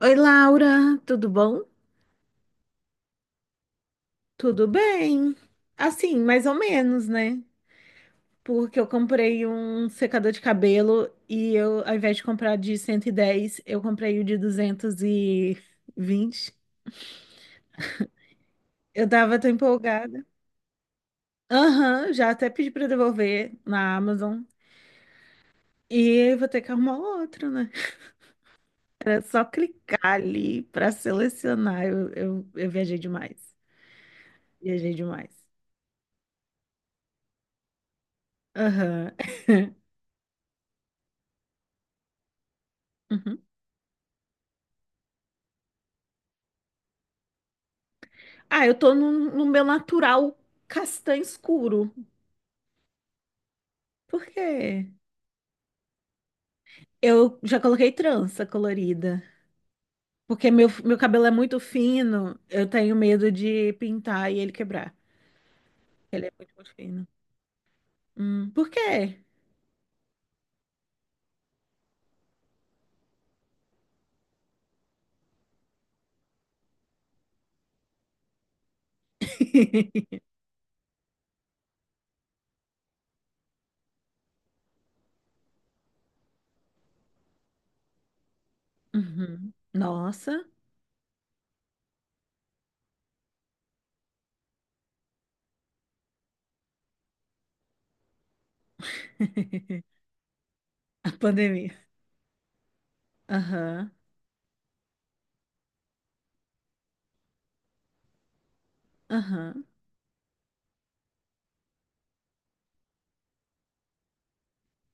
Oi, Laura, tudo bom? Tudo bem? Assim, mais ou menos, né? Porque eu comprei um secador de cabelo e eu, ao invés de comprar de 110, eu comprei o de 220. Eu tava tão empolgada. Aham, já até pedi pra devolver na Amazon. E vou ter que arrumar outro, né? Era só clicar ali pra selecionar. Eu viajei demais. Viajei demais. Aham. Ah, eu tô no meu natural castanho escuro. Por quê? Eu já coloquei trança colorida. Porque meu cabelo é muito fino, eu tenho medo de pintar e ele quebrar. Ele é muito, muito fino. Por quê? Uhum. Nossa. A pandemia. Aham, aham.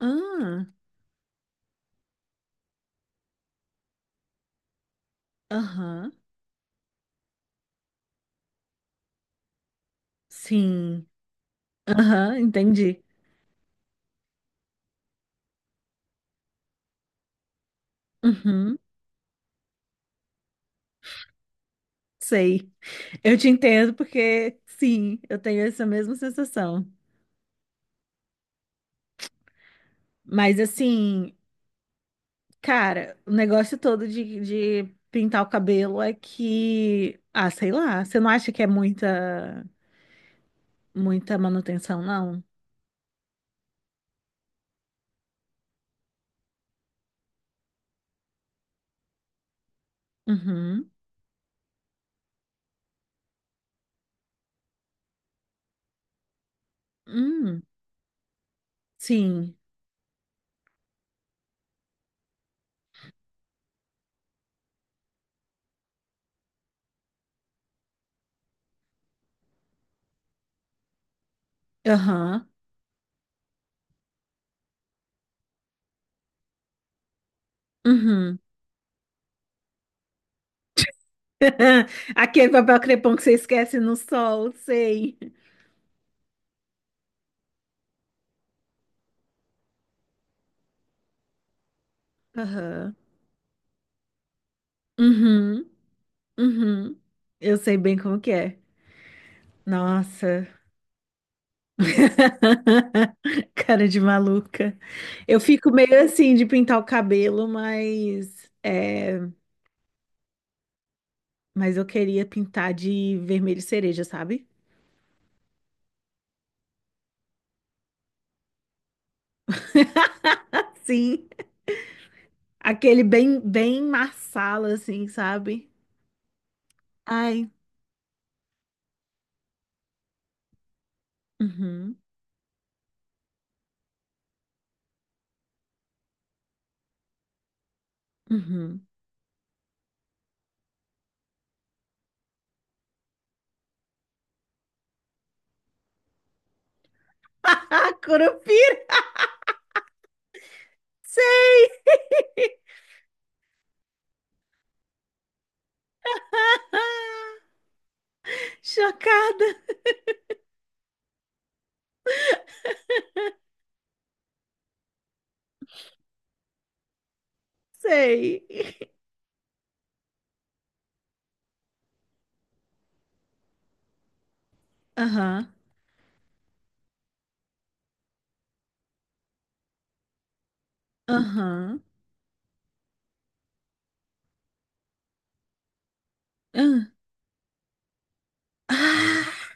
Ah, aham. Sim. Aham, entendi. Uhum, sei. Eu te entendo porque, sim, eu tenho essa mesma sensação. Mas, assim, cara, o negócio todo de pintar o cabelo é que, ah, sei lá, você não acha que é muita, muita manutenção, não? Uhum. Hum, sim. Aham. Uhum. Aquele papel crepom que você esquece no sol, sei. Aham. Uhum. Uhum. Eu sei bem como que é. Nossa. Cara de maluca. Eu fico meio assim de pintar o cabelo, mas é, mas eu queria pintar de vermelho cereja, sabe? Sim, aquele bem bem marsala assim, sabe? Ai, uhum, uhum. Curupira, sei. Chocada, sei. Aham, aham. Ahn. Ah.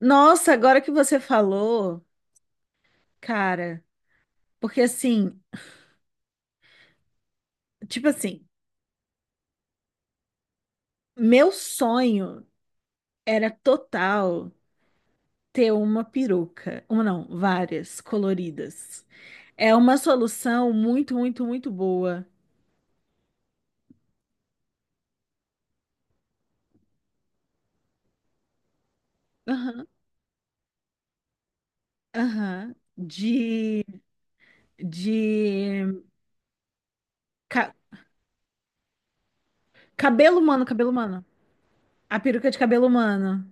Nossa, agora que você falou, cara, porque assim, tipo assim, meu sonho era total ter uma peruca, uma não, várias coloridas. É uma solução muito, muito, muito boa. Aham, aham. De ca- Cabelo humano, cabelo humano. A peruca de cabelo humano,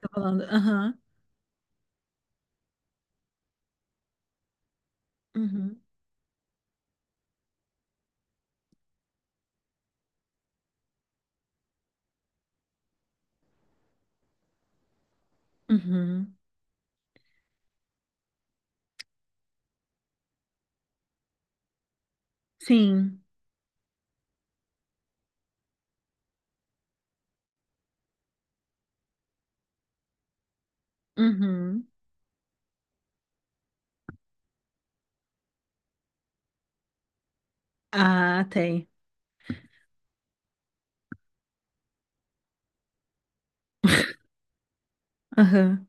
tá falando. Aham, uhum, uhum. Sim, uhum. Ah, tem. Aham.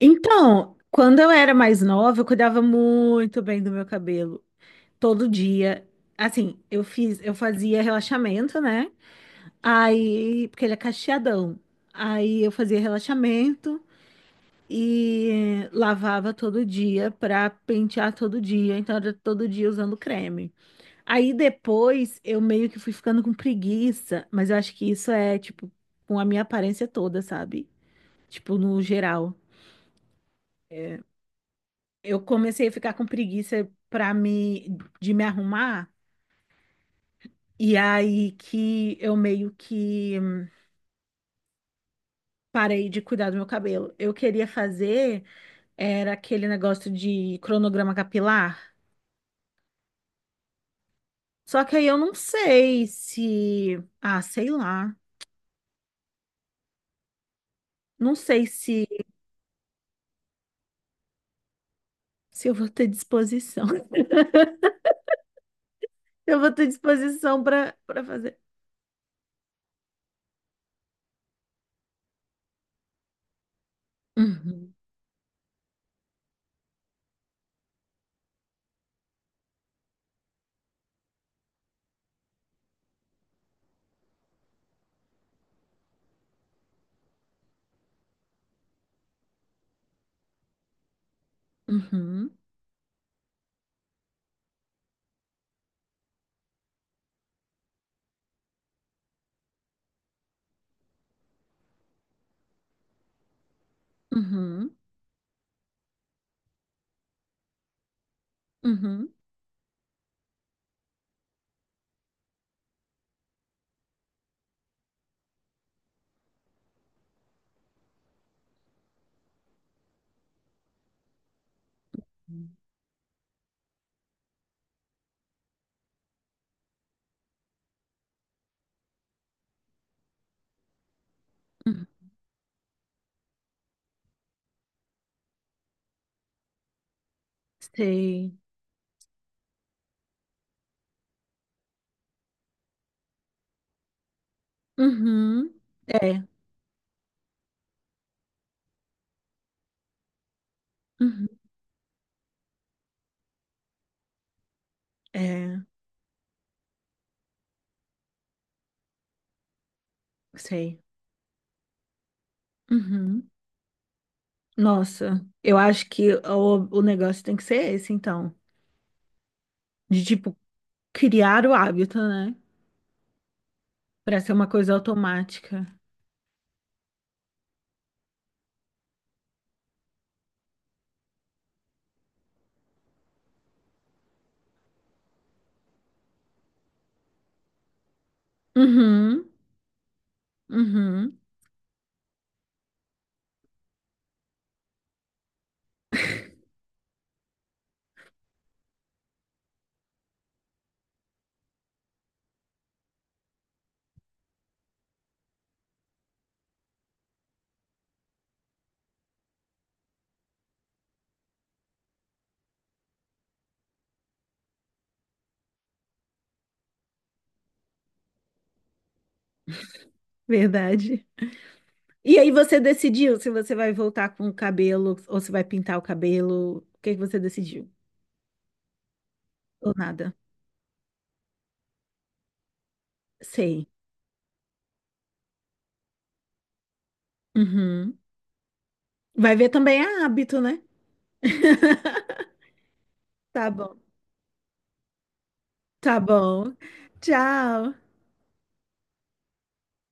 Então, quando eu era mais nova, eu cuidava muito bem do meu cabelo. Todo dia. Assim, eu fazia relaxamento, né? Aí, porque ele é cacheadão. Aí eu fazia relaxamento e lavava todo dia pra pentear todo dia. Então era todo dia usando creme. Aí depois eu meio que fui ficando com preguiça, mas eu acho que isso é tipo com a minha aparência toda, sabe? Tipo, no geral. Eu comecei a ficar com preguiça para me arrumar e aí que eu meio que parei de cuidar do meu cabelo. Eu queria fazer era aquele negócio de cronograma capilar. Só que aí eu não sei se, ah, sei lá, não sei se se eu vou ter disposição. Eu vou ter disposição para para fazer. Uhum, uhum, uhum, uhum, uhum. Sei. Uhum. É. Uhum. É, sei. Uhum. Nossa, eu acho que o negócio tem que ser esse, então. De, tipo, criar o hábito, né? Pra ser uma coisa automática. Uhum, uhum, verdade. E aí você decidiu se você vai voltar com o cabelo ou se vai pintar o cabelo? O que que você decidiu? Ou nada? Sei. Uhum. Vai ver também é hábito, né? Tá bom, tá bom. Tchau.